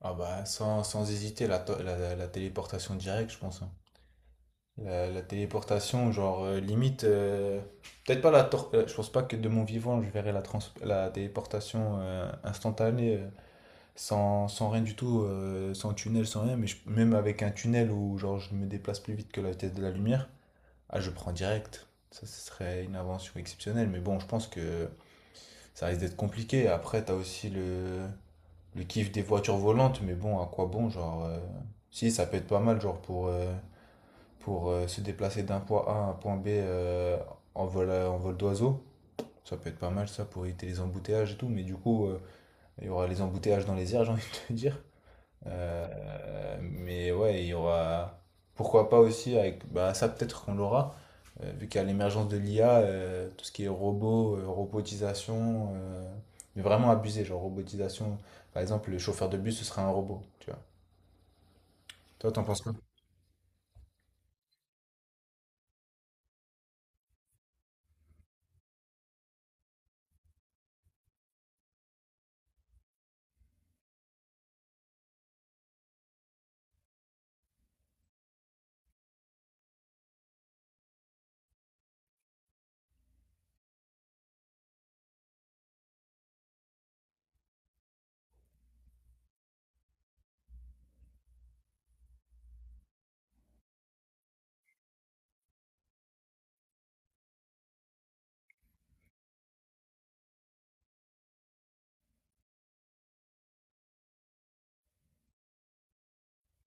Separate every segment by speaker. Speaker 1: Ah bah sans hésiter la téléportation directe, je pense, hein. La téléportation, genre limite, peut-être pas la je pense pas que de mon vivant je verrai la téléportation instantanée, sans rien du tout, sans tunnel, sans rien, mais même avec un tunnel où genre je me déplace plus vite que la vitesse de la lumière, ah je prends direct ça. Ce serait une invention exceptionnelle, mais bon, je pense que ça risque d'être compliqué. Après, t'as aussi le kiff des voitures volantes, mais bon, à quoi bon, genre. Si, ça peut être pas mal, genre, pour se déplacer d'un point A à un point B, en vol d'oiseau. Ça peut être pas mal, ça, pour éviter les embouteillages et tout, mais du coup, il y aura les embouteillages dans les airs, j'ai envie de te dire. Mais ouais, il y aura. Pourquoi pas aussi avec. Bah, ça, peut-être qu'on l'aura, vu qu'à l'émergence de l'IA, tout ce qui est robot, robotisation, mais vraiment abusé, genre robotisation. Par exemple, le chauffeur de bus, ce sera un robot, tu vois. Toi, t'en penses quoi?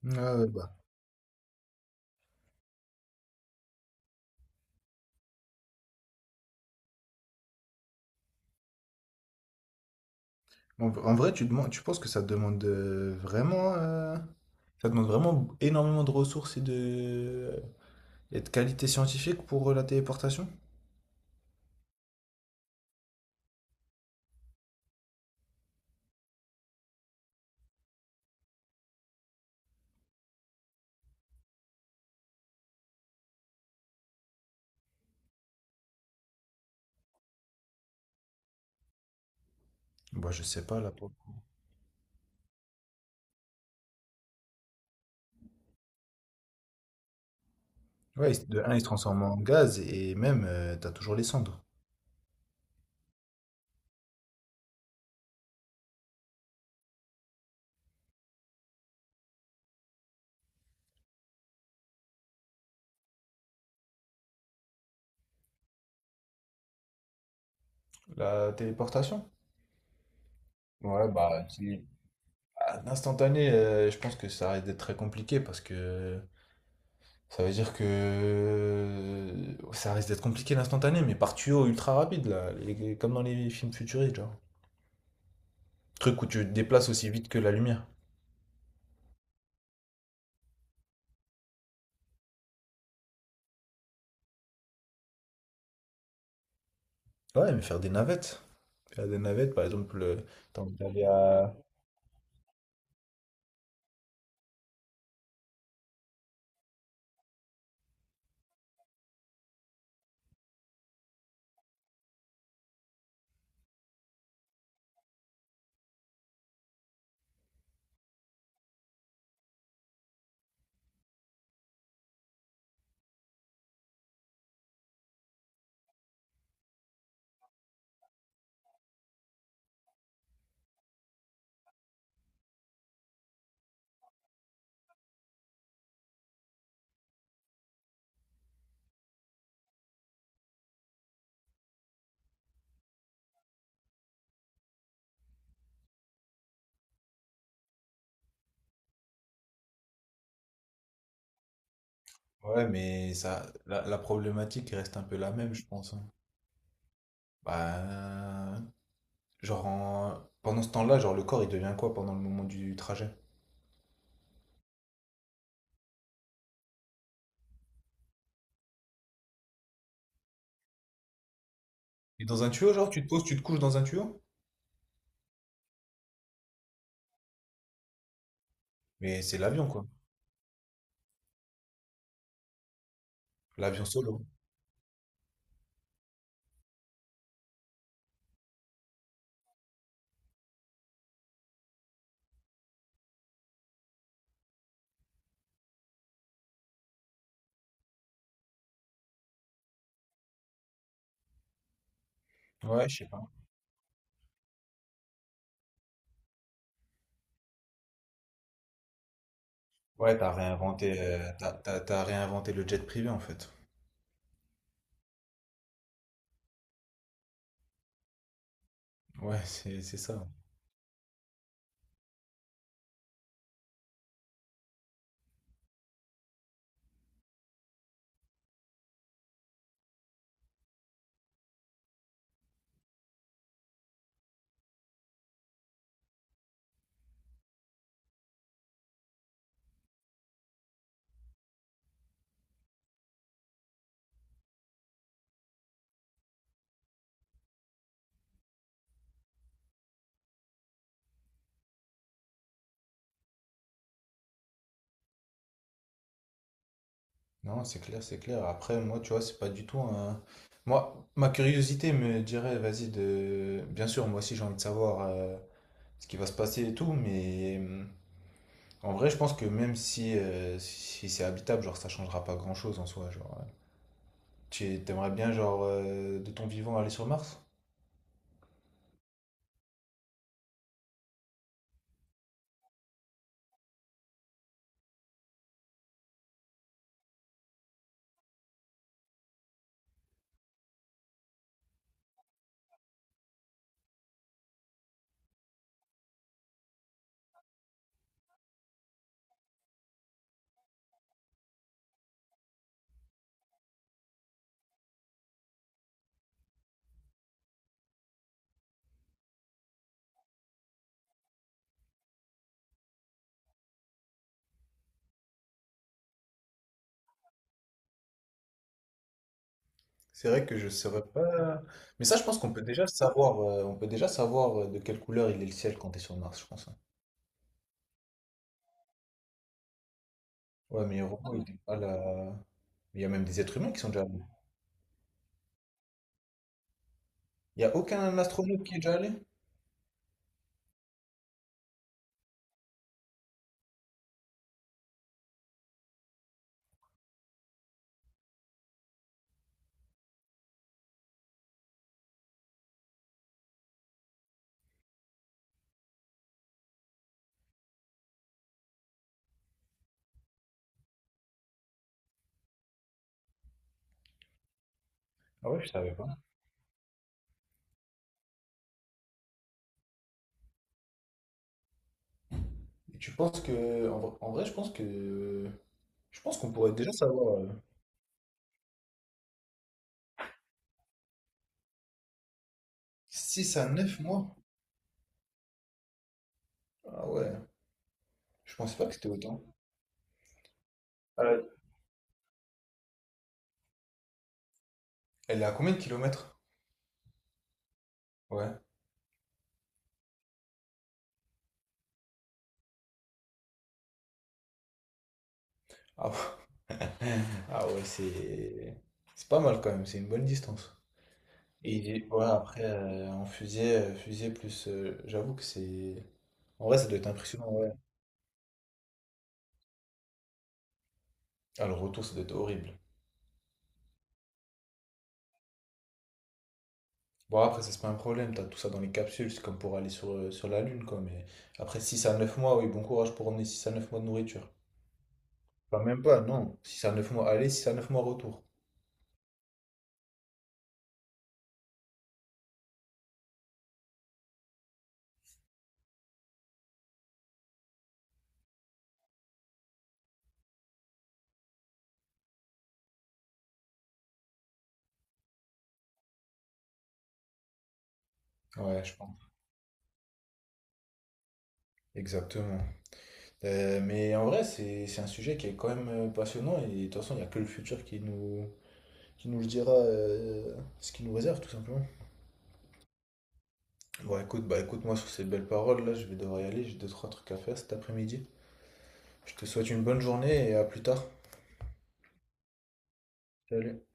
Speaker 1: Ouais, bah. En vrai, tu penses que ça demande vraiment ça demande vraiment énormément de ressources et de qualité scientifique pour, la téléportation? Bah, je sais pas là. Ouais, de un, il se transforme en gaz et même, t'as toujours les cendres. La téléportation? Ouais, bah, à l'instantané, je pense que ça risque d'être très compliqué parce que ça veut dire que ça risque d'être compliqué l'instantané, mais par tuyau ultra rapide, là, comme dans les films futuristes, genre. Truc où tu te déplaces aussi vite que la lumière. Ouais, mais faire des navettes. Faire des navettes, par exemple, t'as envie d'aller à. Ouais, mais ça, la problématique reste un peu la même, je pense, hein. Bah, genre, pendant ce temps-là, genre, le corps, il devient quoi pendant le moment du trajet? Il est dans un tuyau, genre, tu te poses, tu te couches dans un tuyau? Mais c'est l'avion, quoi. L'avion solo. Ouais, je sais pas. Ouais, t'as réinventé, t'as réinventé le jet privé, en fait. Ouais, c'est ça. Non, c'est clair, c'est clair. Après, moi, tu vois, c'est pas du tout un… Moi, ma curiosité me dirait, vas-y, de… Bien sûr, moi aussi, j'ai envie de savoir ce qui va se passer et tout, mais… en vrai, je pense que même si, si c'est habitable, genre, ça changera pas grand-chose en soi, genre… Tu aimerais bien, genre, de ton vivant, aller sur Mars? C'est vrai que je saurais pas. Mais ça, je pense qu'on peut déjà savoir, on peut déjà savoir de quelle couleur il est le ciel quand t'es sur Mars, je pense, hein. Ouais, mais heureusement, il est pas là. Il y a même des êtres humains qui sont déjà allés. Il n'y a aucun astronaute qui est déjà allé? Ah ouais, je savais pas. Et tu penses que. En vrai, je pense que. Je pense qu'on pourrait déjà savoir. Six à 9 mois? Ah ouais. Je pensais pas que c'était autant. Euh, Elle est à combien de kilomètres? Ouais. Ah ouais. Ah ouais, c'est pas mal quand même, c'est une bonne distance. Et ouais, après, en fusée, fusée plus. J'avoue que c'est. En vrai, ça doit être impressionnant, ouais. Ah, le retour, ça doit être horrible. Bon, après, ça, c'est pas un problème, t'as tout ça dans les capsules, c'est comme pour aller sur, sur la Lune, quoi. Mais après, 6 à 9 mois, oui, bon courage pour emmener 6 à 9 mois de nourriture. Enfin, même pas, non. Six à 9 mois aller, 6 à 9 mois retour. Ouais, je pense. Exactement. Mais en vrai, c'est un sujet qui est quand même passionnant, et de toute façon, il n'y a que le futur qui nous. Qui nous le dira, ce qu'il nous réserve, tout simplement. Bon, écoute, bah écoute, moi sur ces belles paroles, là, je vais devoir y aller. J'ai deux, trois trucs à faire cet après-midi. Je te souhaite une bonne journée et à plus tard. Salut.